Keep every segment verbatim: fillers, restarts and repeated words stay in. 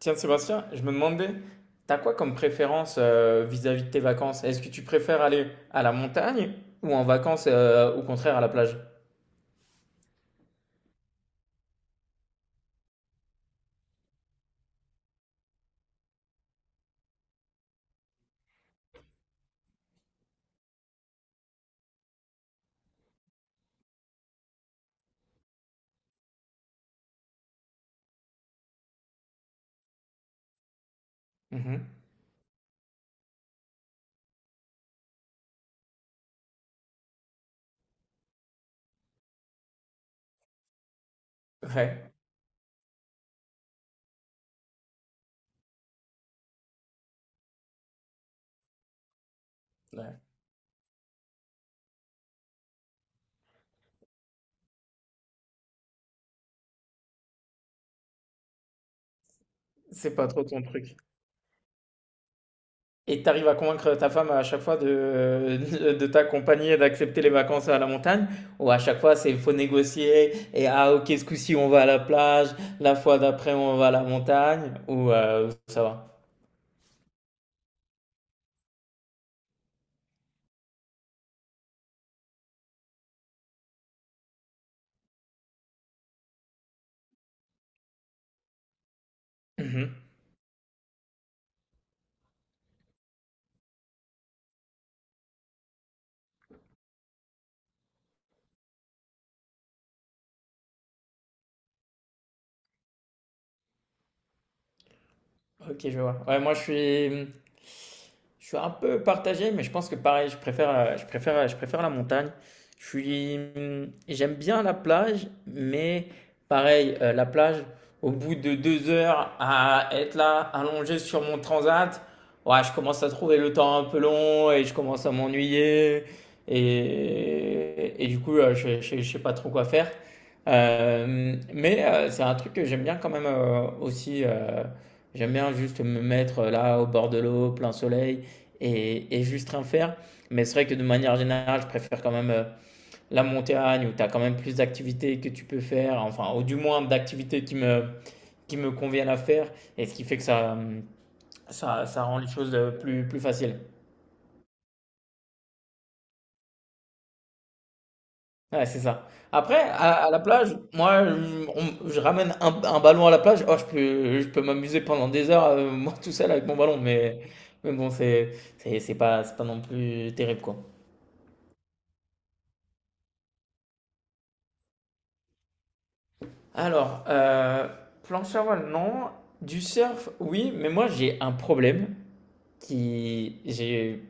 Tiens, Sébastien, je me demandais, t'as quoi comme préférence euh, vis-à-vis de tes vacances? Est-ce que tu préfères aller à la montagne ou en vacances, euh, au contraire, à la plage? Mhm. Ouais, ouais. C'est pas trop ton truc. Et t'arrives à convaincre ta femme à chaque fois de, de t'accompagner et d'accepter les vacances à la montagne? Ou à chaque fois, c'est faut négocier et ah, ok, ce coup-ci, on va à la plage, la fois d'après, on va à la montagne? Ou euh, ça va? Ok, je vois. Ouais, moi, je suis, je suis un peu partagé, mais je pense que pareil, je préfère, euh, je préfère, je préfère la montagne. Je suis, j'aime bien la plage, mais pareil, euh, la plage, au bout de deux heures à être là, allongé sur mon transat, ouais, je commence à trouver le temps un peu long et je commence à m'ennuyer. Et, et du coup, euh, je, je, je sais pas trop quoi faire. Euh, mais euh, c'est un truc que j'aime bien quand même euh, aussi. Euh, J'aime bien juste me mettre là au bord de l'eau, plein soleil, et, et juste rien faire. Mais c'est vrai que de manière générale, je préfère quand même euh, la montagne où tu as quand même plus d'activités que tu peux faire, enfin, ou du moins d'activités qui me, qui me conviennent à faire, et ce qui fait que ça, hum, ça, ça rend les choses euh, plus, plus faciles. Ouais, c'est ça. Après, à, à la plage, moi, hum, on- je ramène un, un ballon à la plage. Oh, je peux, je peux m'amuser pendant des heures, euh, moi, tout seul avec mon ballon, mais, mais bon, c'est, c'est c'est pas, c'est pas non plus terrible, quoi. Alors, euh, planche à voile, non. Du surf, oui, mais moi j'ai un problème qui... J'ai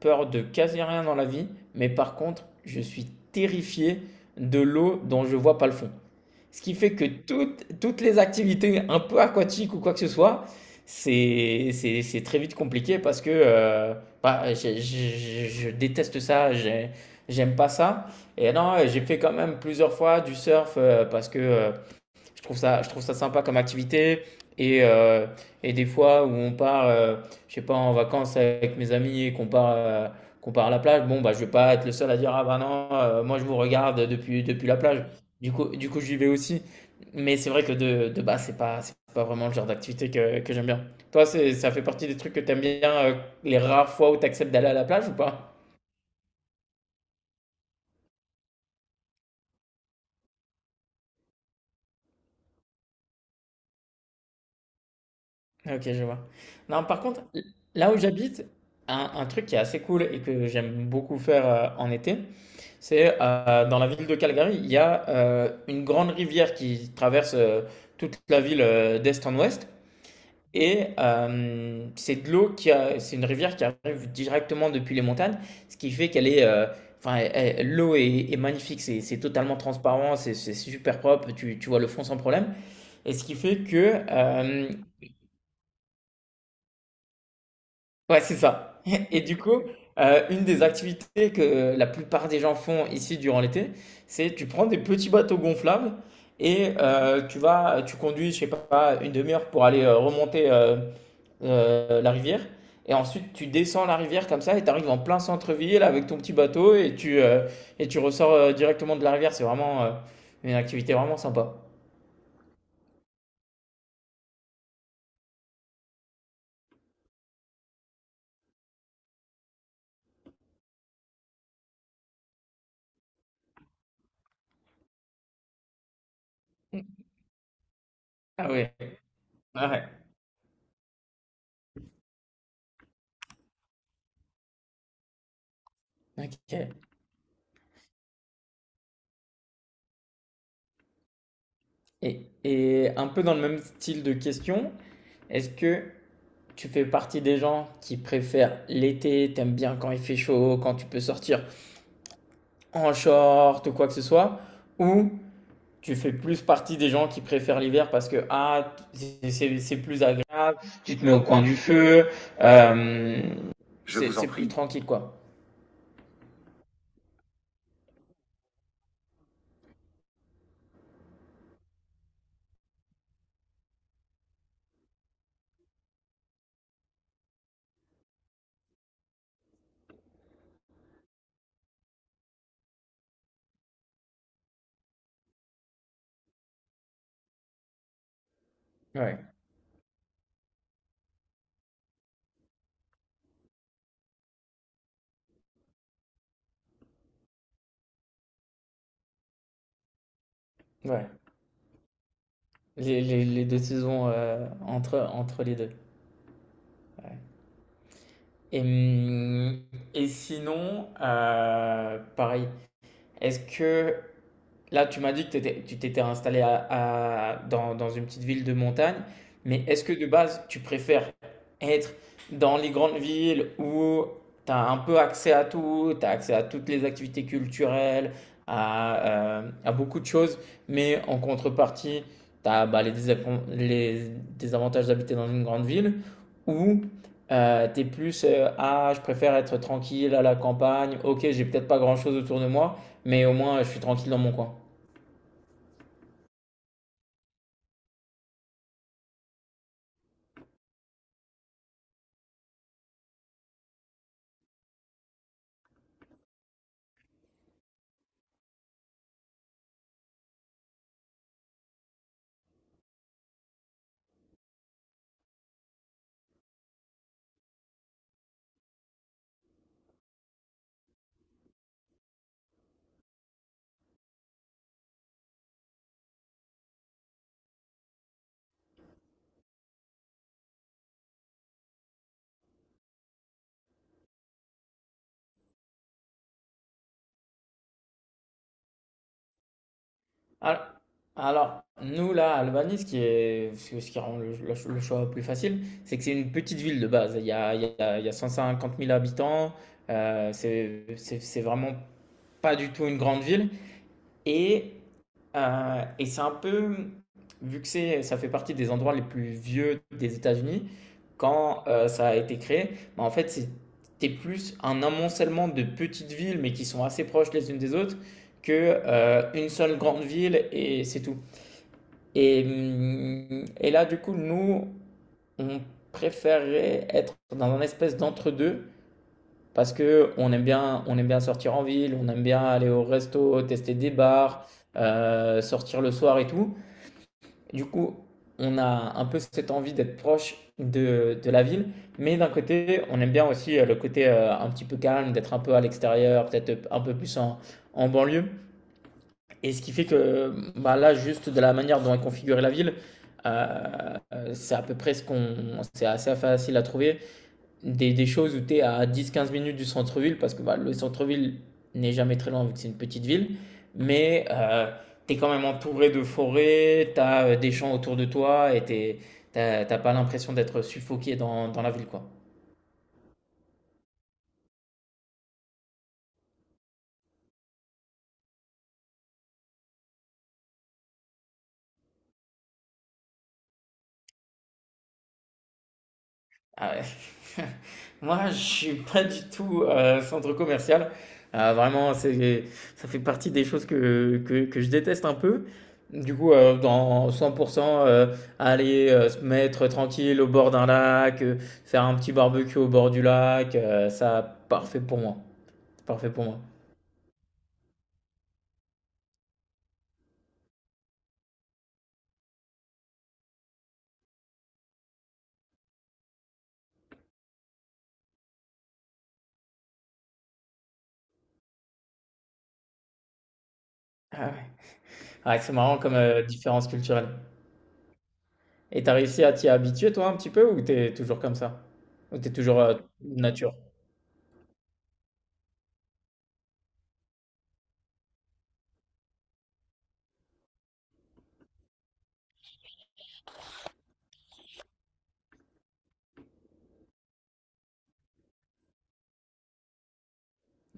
peur de quasi rien dans la vie, mais par contre, je suis terrifié de l'eau dont je vois pas le fond. Ce qui fait que toutes, toutes les activités un peu aquatiques ou quoi que ce soit, c'est c'est- c'est très vite compliqué parce que euh, bah, j'ai- j'ai- je déteste ça, j'ai- j'aime pas ça. Et non, j'ai fait quand même plusieurs fois du surf euh, parce que... euh, je trouve ça, je trouve ça sympa comme activité. Et, euh, et des fois où on part, euh, je sais pas, en vacances avec mes amis et qu'on part, euh, qu'on part à la plage, bon, bah, je vais pas être le seul à dire, ah bah non, euh, moi je vous regarde depuis, depuis la plage. Du coup, du coup, j'y vais aussi. Mais c'est vrai que de, de base, c'est pas, c'est pas vraiment le genre d'activité que, que j'aime bien. Toi, c'est, ça fait partie des trucs que t'aimes bien, euh, les rares fois où t'acceptes d'aller à la plage ou pas? Ok, je vois. Non, par contre, là où j'habite, un, un truc qui est assez cool et que j'aime beaucoup faire euh, en été, c'est euh, dans la ville de Calgary, il y a euh, une grande rivière qui traverse euh, toute la ville euh, d'est en ouest. Et euh, c'est de l'eau qui a, c'est une rivière qui arrive directement depuis les montagnes, ce qui fait qu'elle est, euh, enfin, elle- elle- l'eau est, est magnifique, c'est c'est totalement transparent, c'est c'est super propre, tu, tu vois le fond sans problème. Et ce qui fait que euh, Ouais, c'est ça. Et du coup, euh, une des activités que la plupart des gens font ici durant l'été, c'est tu prends des petits bateaux gonflables et euh, tu vas, tu conduis, je sais pas, une demi-heure pour aller euh, remonter euh, euh, la rivière. Et ensuite, tu descends la rivière comme ça et tu arrives en plein centre-ville avec ton petit bateau et tu, euh, et tu ressors euh, directement de la rivière. C'est vraiment euh, une activité vraiment sympa. Ah oui, ouais. Ah ouais. Ok. Et, et un peu dans le même style de question, est-ce que tu fais partie des gens qui préfèrent l'été, t'aimes bien quand il fait chaud, quand tu peux sortir en short ou quoi que ce soit, ou tu fais plus partie des gens qui préfèrent l'hiver parce que ah, c'est c'est- c'est plus agréable, tu te mets au coin du feu, euh, Je c'est vous en c'est plus prie. Tranquille quoi. Ouais, ouais. Les, les- les deux saisons euh, entre, entre les deux. Et, hum, et sinon, euh, pareil, est-ce que là, tu m'as dit que t'étais- tu t'étais installé à, à- dans, dans une petite ville de montagne, mais est-ce que de base, tu préfères être dans les grandes villes où tu as un peu accès à tout, tu as accès à toutes les activités culturelles, à, euh, à beaucoup de choses, mais en contrepartie, tu as les, désapon- les désavantages d'habiter dans une grande ville, ou euh, tu es plus, euh, ah, je préfère être tranquille à la campagne, ok, j'ai peut-être pas grand-chose autour de moi, mais au moins, je suis tranquille dans mon coin. Al- Alors, nous, là, à Albany, ce qui est, ce ce qui rend le, le le choix plus facile, c'est que c'est une petite ville de base. Il y a, il y a- il y a cent cinquante mille habitants. Euh, c'est c'est- c'est vraiment pas du tout une grande ville. Et, euh, et c'est un peu, vu que c'est, ça fait partie des endroits les plus vieux des États-Unis, quand euh, ça a été créé, bah, en fait, c'était plus un amoncellement de petites villes, mais qui sont assez proches les unes des autres, que euh, une seule grande ville et c'est tout. Et, hum, et là, du coup, nous, on préférait être dans un espèce d'entre-deux parce que on aime bien, on aime bien sortir en ville, on aime bien aller au resto, tester des bars, euh, sortir le soir et tout. Du coup, on a un peu cette envie d'être proche de, de la ville, mais d'un côté, on aime bien aussi euh, le côté euh, un petit peu calme, d'être un peu à l'extérieur, peut-être un peu plus en, en banlieue. Et ce qui fait que bah, là, juste de la manière dont est configurée la ville, euh, euh, c'est à peu près ce qu'on, c'est assez facile à trouver des, des choses où tu es à dix quinze minutes du centre-ville, parce que bah, le centre-ville n'est jamais très loin vu que c'est une petite ville, mais euh, tu es quand même entouré de forêts, tu as des champs autour de toi et tu n'as pas l'impression d'être suffoqué dans, dans la ville, quoi. Ah ouais. Moi, je suis pas du tout euh, centre commercial. Euh, vraiment, c'est, ça fait partie des choses que, que, que je déteste un peu. Du coup, euh, dans cent pour cent, euh, aller euh, se mettre tranquille au bord d'un lac, euh, faire un petit barbecue au bord du lac, euh, ça, parfait pour moi. Parfait pour moi. Ah ouais. Ah, c'est marrant comme euh, différence culturelle. Et t'as réussi à t'y habituer, toi, un petit peu, ou t'es toujours comme ça? Ou t'es toujours euh, nature?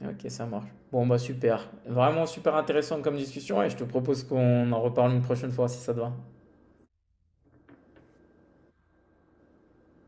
Ok, ça marche. Bon, bah super. Vraiment super intéressant comme discussion et je te propose qu'on en reparle une prochaine fois si ça te va.